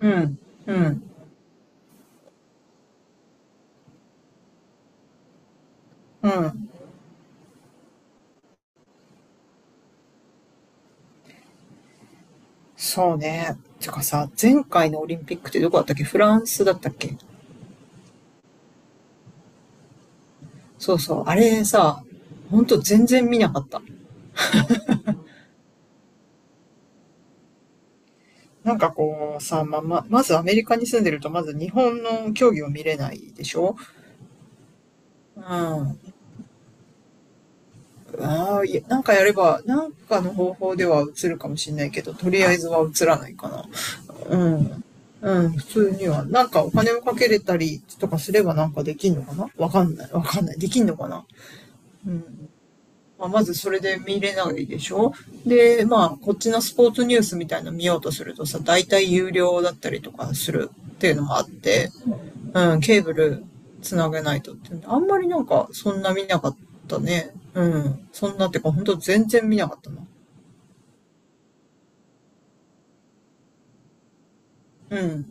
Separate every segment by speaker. Speaker 1: うん、うん、うん。そうね。てかさ、前回のオリンピックってどこだったっけ？フランスだったっけ？そうそう。あれさ、ほんと全然見なかった。なんかこうさ、まあ、まずアメリカに住んでると、まず日本の競技を見れないでしょ？うん。ああ、いやなんかやれば、なんかの方法では映るかもしれないけど、とりあえずは映らないかな。うん。うん、普通には。なんかお金をかけれたりとかすればなんかできんのかな？わかんない。わかんない。できんのかな？うん。まあ、まずそれで見れないでしょ。で、まあ、こっちのスポーツニュースみたいなの見ようとするとさ、大体有料だったりとかする、っていうのもあって、うん、ケーブルつなげないとってあんまりなんか、そんな見なかったね。うん。そんなってか、ほんと全然見なかったな。うん。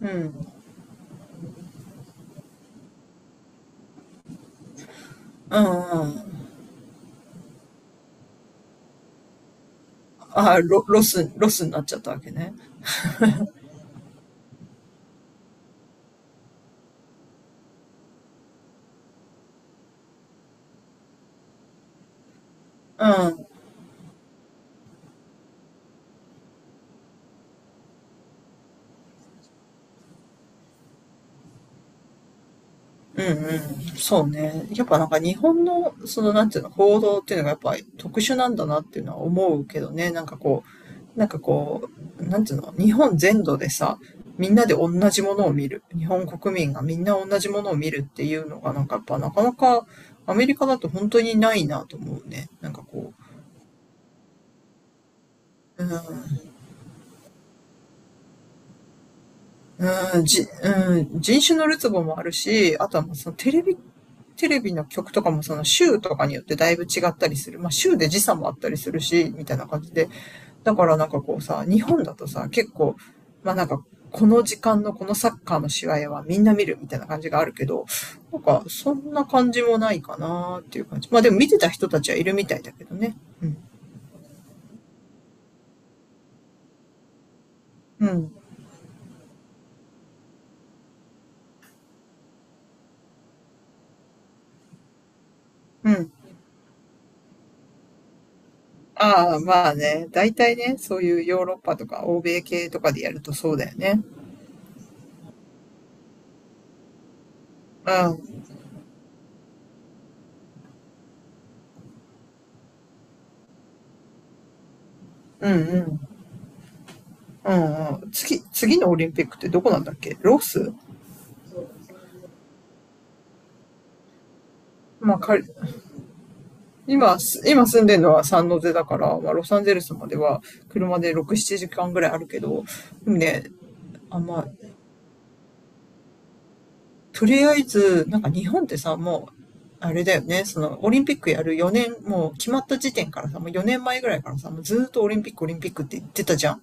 Speaker 1: うん。うん、うん。ああ、ロスになっちゃったわけね。うん。うんうん。そうね。やっぱなんか日本の、そのなんていうの、報道っていうのがやっぱ特殊なんだなっていうのは思うけどね。なんかこう、なんていうの、日本全土でさ、みんなで同じものを見る。日本国民がみんな同じものを見るっていうのがなんかやっぱなかなかアメリカだと本当にないなと思うね。なんかこう、うん、うん、うん、人種のるつぼもあるし、あとはまあそのテレビ、の曲とかもその週とかによってだいぶ違ったりする。まあ週で時差もあったりするし、みたいな感じで。だからなんかこうさ、日本だとさ、結構、まあなんか、この時間のこのサッカーの試合はみんな見るみたいな感じがあるけど、なんかそんな感じもないかなーっていう感じ。まあでも見てた人たちはいるみたいだけどね。うん。うん。うん。ああ、まあね。大体ね、そういうヨーロッパとか欧米系とかでやるとそうだよね。うん。うんうん。うんうん。次のオリンピックってどこなんだっけ？ロス？まあ、か今、す今住んでるのはサンノゼだから、まあ、ロサンゼルスまでは車で6、7時間ぐらいあるけど、でもね、あんま、とりあえず、なんか日本ってさ、もう、あれだよね、その、オリンピックやる4年、もう決まった時点からさ、もう4年前ぐらいからさ、もうずーっとオリンピック、オリンピックって言ってたじゃん。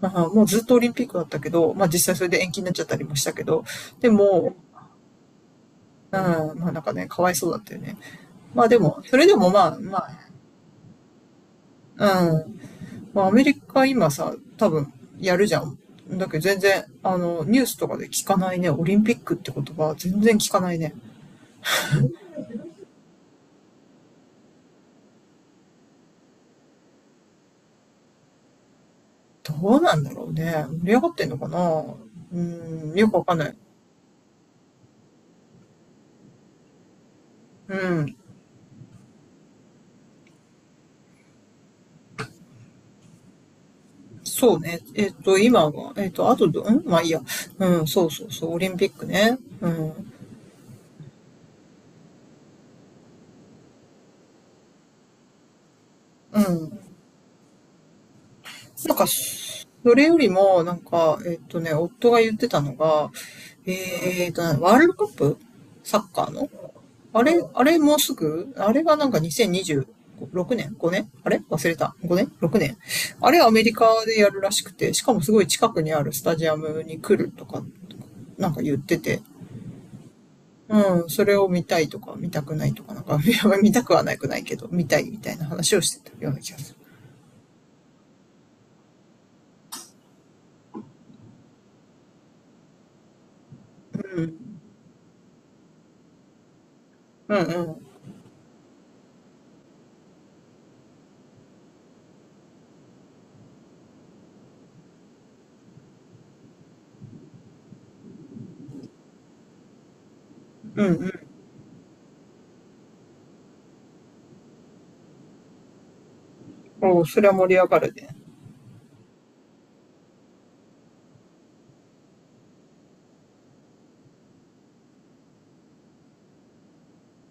Speaker 1: まあ、もうずっとオリンピックだったけど、まあ実際それで延期になっちゃったりもしたけど、でも、うん、まあなんかね、かわいそうだったよね。まあでも、それでもまあ、うん。まあアメリカ今さ、多分やるじゃん。だけど全然、ニュースとかで聞かないね。オリンピックって言葉全然聞かないね。どうなんだろうね。盛り上がってんのかな？うん、よくわかんない。うん。そうね。今が、あとまあいいや。うん、そうそうそう、オリンピックね。うん。うん。なんか、それよりも、なんか、夫が言ってたのが、ワールドカップサッカーのあれもうすぐあれがなんか2026年？ 5 年？あれ忘れた。5年？ 6 年？あれアメリカでやるらしくて、しかもすごい近くにあるスタジアムに来るとか、なんか言ってて、うん、それを見たいとか、見たくないとか、なんか、いや見たくはなくないけど、見たいみたいな話をしてたような気がする。うん、うん、うん、うん、それは盛り上がるね。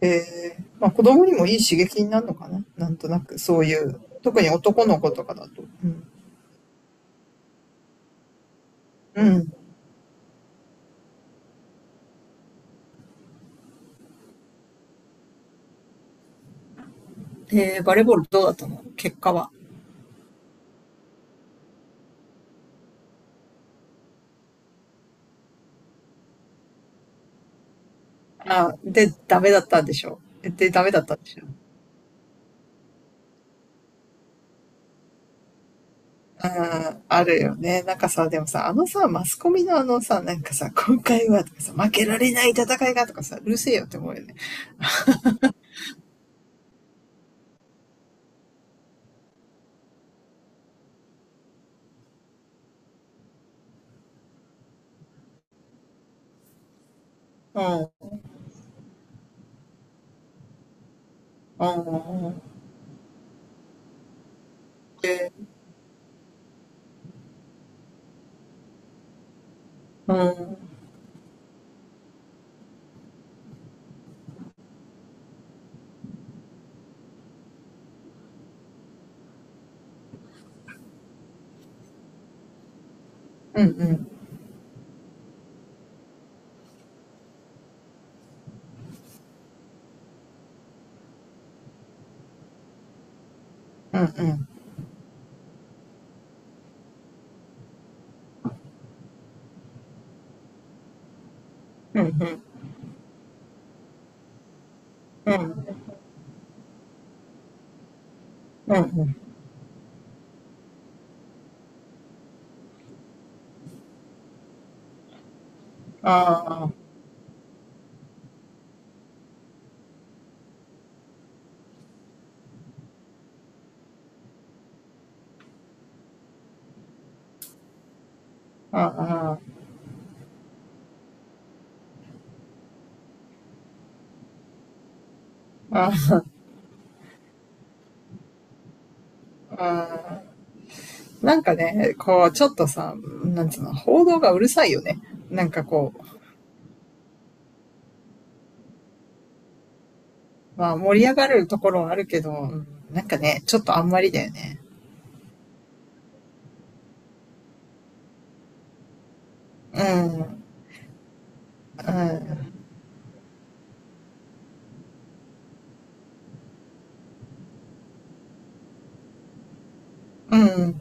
Speaker 1: ええまあ子供にもいい刺激になるのかな？なんとなく、そういう。特に男の子とかだと。うん。うん。えー、バレーボールどうだったの？結果は。あ、で、ダメだったんでしょ？で、ダメだったんでしょ？うん、あるよね。なんかさ、でもさ、あのさ、マスコミのあのさ、なんかさ、今回はとかさ、負けられない戦いがとかさ、うるせえよって思うよね。うん、うん、うん、うん、うん、うん、うん、うん、うん、うん、うん、うん、ああ、ああ、ああ、なんかね、こう、ちょっとさ、なんつうの、報道がうるさいよね。なんかこう、まあ盛り上がるところはあるけど、うん。なんかね、ちょっとあんまりだよね。うん、うん、うん。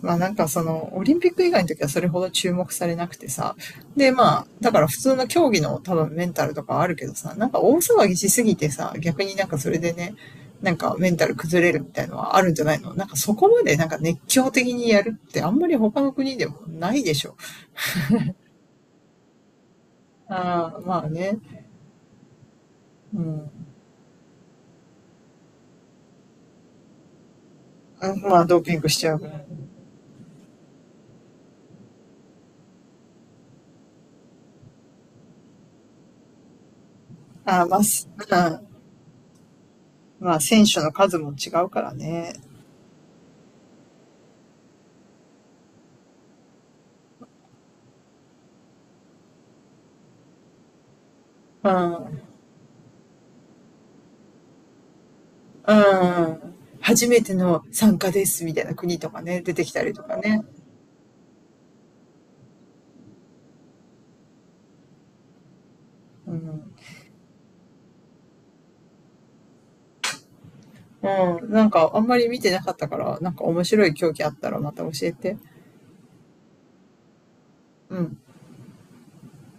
Speaker 1: まあなんかその、オリンピック以外の時はそれほど注目されなくてさ。でまあ、だから普通の競技の多分メンタルとかあるけどさ、なんか大騒ぎしすぎてさ、逆になんかそれでね、なんかメンタル崩れるみたいのはあるんじゃないの？なんかそこまでなんか熱狂的にやるってあんまり他の国でもないでしょ。ああ、まあね。うん。まあドーピングしちゃうから。ああ、まあ、うん、まあ選手の数も違うからね。うん。うん。初めての参加ですみたいな国とかね、出てきたりとかね。うん。うん。なんかあんまり見てなかったから、なんか面白い競技あったらまた教えて。うん。